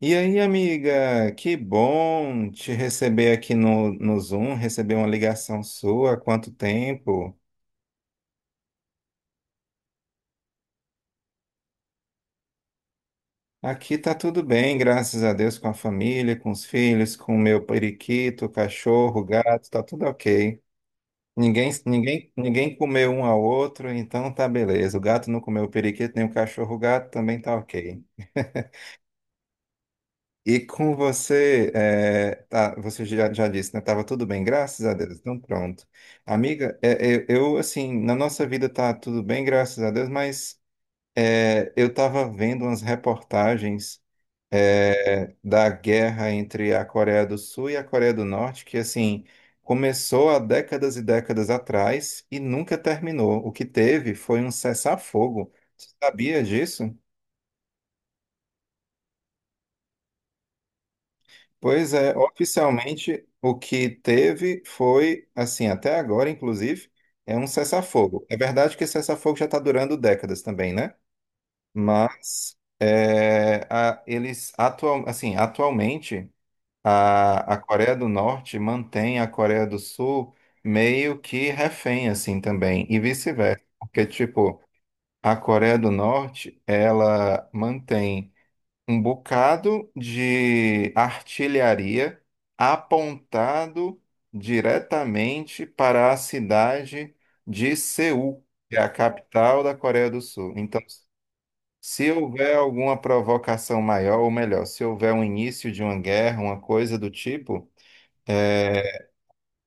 E aí, amiga, que bom te receber aqui no Zoom, receber uma ligação sua, há quanto tempo? Aqui tá tudo bem, graças a Deus, com a família, com os filhos, com o meu periquito, cachorro, gato, tá tudo ok. Ninguém comeu um ao outro, então tá beleza. O gato não comeu o periquito, nem o cachorro, o gato também tá ok. E com você, você já disse, né? Tava tudo bem, graças a Deus. Então, pronto. Amiga, eu, assim, na nossa vida tá tudo bem, graças a Deus, mas eu tava vendo umas reportagens da guerra entre a Coreia do Sul e a Coreia do Norte, que, assim, começou há décadas e décadas atrás e nunca terminou. O que teve foi um cessar-fogo. Você sabia disso? Pois é, oficialmente o que teve foi, assim, até agora, inclusive, é um cessar-fogo. É verdade que esse cessar-fogo já está durando décadas também, né? Mas eles atual, assim, atualmente a Coreia do Norte mantém a Coreia do Sul meio que refém, assim, também, e vice-versa. Porque, tipo, a Coreia do Norte, ela mantém um bocado de artilharia apontado diretamente para a cidade de Seul, que é a capital da Coreia do Sul. Então, se houver alguma provocação maior, ou melhor, se houver um início de uma guerra, uma coisa do tipo. é,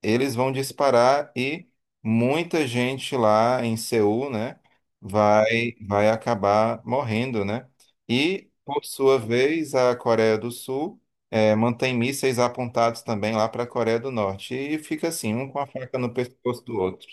eles vão disparar e muita gente lá em Seul, né, vai acabar morrendo, né? E, por sua vez, a Coreia do Sul mantém mísseis apontados também lá para a Coreia do Norte. E fica assim, um com a faca no pescoço do outro.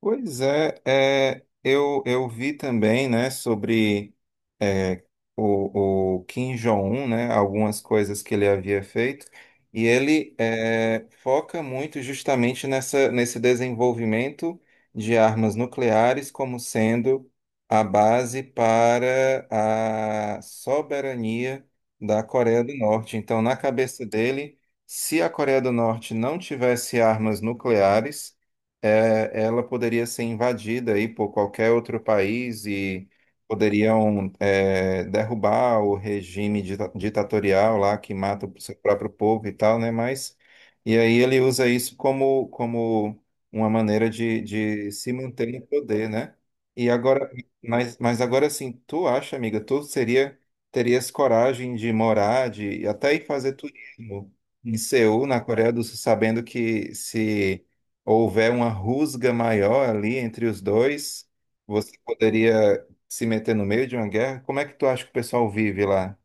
Pois é, eu, vi também, né, sobre é, o Kim Jong-un, né, algumas coisas que ele havia feito, e ele foca muito justamente nesse desenvolvimento de armas nucleares como sendo a base para a soberania da Coreia do Norte. Então, na cabeça dele, se a Coreia do Norte não tivesse armas nucleares, ela poderia ser invadida aí por qualquer outro país e poderiam derrubar o regime ditatorial lá que mata o seu próprio povo e tal, né? Mas e aí ele usa isso como como uma maneira de se manter no poder, né? E agora, mas agora assim, tu acha, amiga, tu seria terias coragem de morar, de até ir fazer turismo em Seul, na Coreia do Sul, sabendo que se houver uma rusga maior ali entre os dois, você poderia se meter no meio de uma guerra, como é que tu acha que o pessoal vive lá?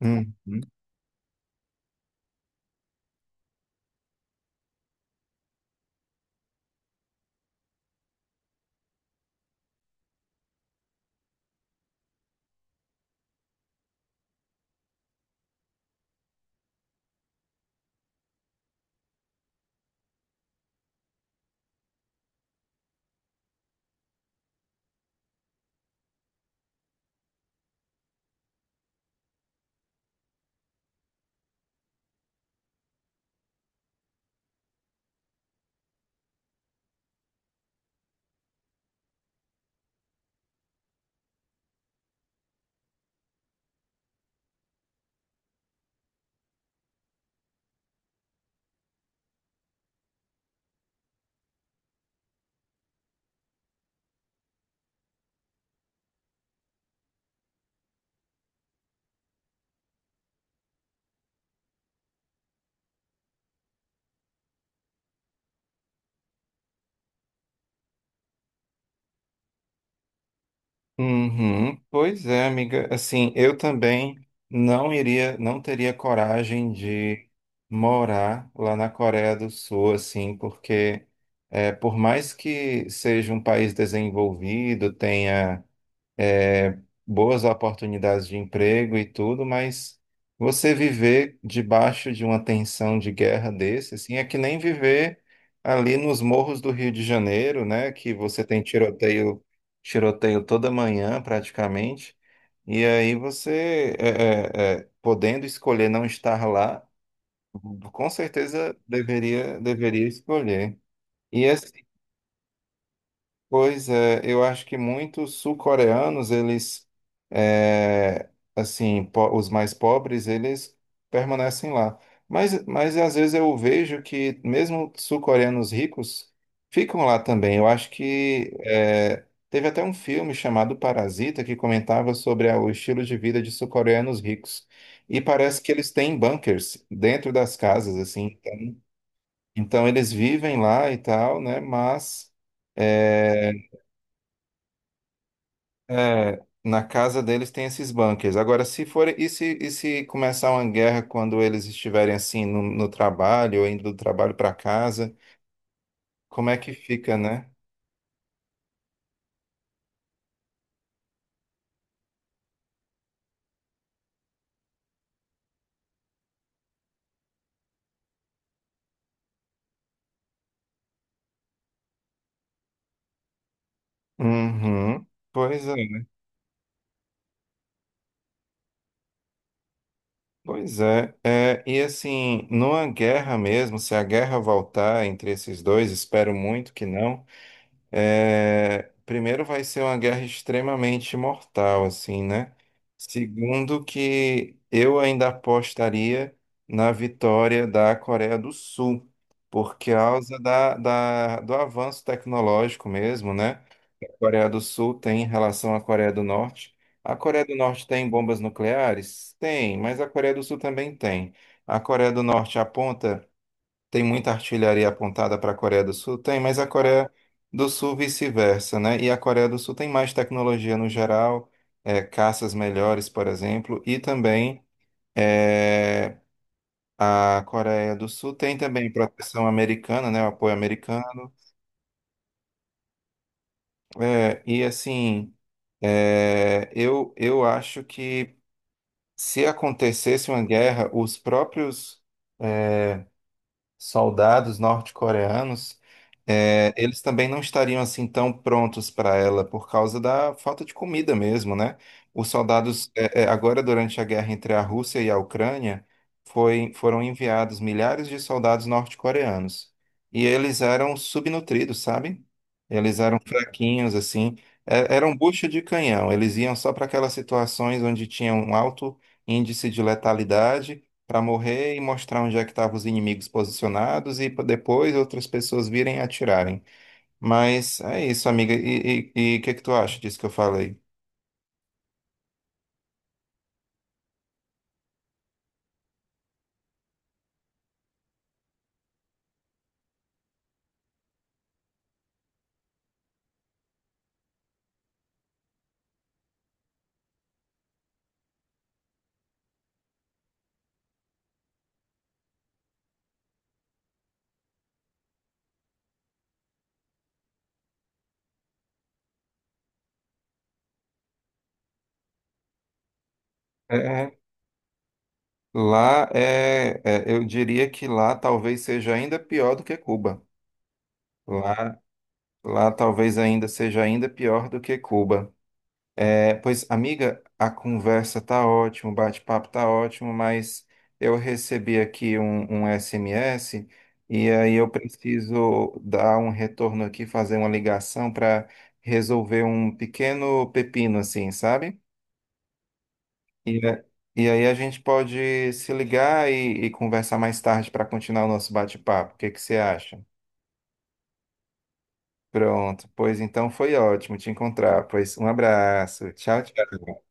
Hum. Uhum, pois é, amiga. Assim, eu também não iria, não teria coragem de morar lá na Coreia do Sul, assim, porque por mais que seja um país desenvolvido, tenha é, boas oportunidades de emprego e tudo, mas você viver debaixo de uma tensão de guerra desse, assim, é que nem viver ali nos morros do Rio de Janeiro, né, que você tem tiroteio, tiroteio toda manhã praticamente, e aí você, podendo escolher não estar lá, com certeza deveria escolher. E pois é, eu acho que muitos sul-coreanos, eles, é, assim, os mais pobres, eles permanecem lá. Mas às vezes eu vejo que mesmo sul-coreanos ricos ficam lá também. Eu acho que é, teve até um filme chamado Parasita que comentava sobre o estilo de vida de sul-coreanos ricos. E parece que eles têm bunkers dentro das casas, assim. Então, então eles vivem lá e tal, né? Mas eh, na casa deles tem esses bunkers. Agora, se for, e se começar uma guerra quando eles estiverem assim no trabalho, ou indo do trabalho para casa, como é que fica, né? Uhum. Pois é, né? Pois é. É, e assim, numa guerra mesmo, se a guerra voltar entre esses dois, espero muito que não. É, primeiro vai ser uma guerra extremamente mortal, assim, né? Segundo que eu ainda apostaria na vitória da Coreia do Sul, por causa do avanço tecnológico mesmo, né? A Coreia do Sul tem em relação à Coreia do Norte. A Coreia do Norte tem bombas nucleares? Tem, mas a Coreia do Sul também tem. A Coreia do Norte aponta tem muita artilharia apontada para a Coreia do Sul? Tem, mas a Coreia do Sul vice-versa, né? E a Coreia do Sul tem mais tecnologia no geral, caças melhores, por exemplo, e também é, a Coreia do Sul tem também proteção americana, né? O apoio americano. É, e assim, eu, acho que se acontecesse uma guerra, os próprios é, soldados norte-coreanos, eles também não estariam assim tão prontos para ela por causa da falta de comida mesmo, né? Os soldados, agora durante a guerra entre a Rússia e a Ucrânia, foram enviados milhares de soldados norte-coreanos e eles eram subnutridos, sabe? Eles eram fraquinhos, assim, eram bucha de canhão. Eles iam só para aquelas situações onde tinha um alto índice de letalidade para morrer e mostrar onde é que estavam os inimigos posicionados e pra depois outras pessoas virem e atirarem. Mas é isso, amiga. E o que é que tu acha disso que eu falei? É, lá eu diria que lá talvez seja ainda pior do que Cuba. Lá, lá talvez ainda seja ainda pior do que Cuba. É, pois, amiga, a conversa tá ótima, o bate-papo tá ótimo, mas eu recebi aqui um SMS e aí eu preciso dar um retorno aqui, fazer uma ligação para resolver um pequeno pepino, assim, sabe? E, a- e aí a gente pode se ligar e conversar mais tarde para continuar o nosso bate-papo. O que que você acha? Pronto, pois então foi ótimo te encontrar. Pois um abraço. Tchau, tchau.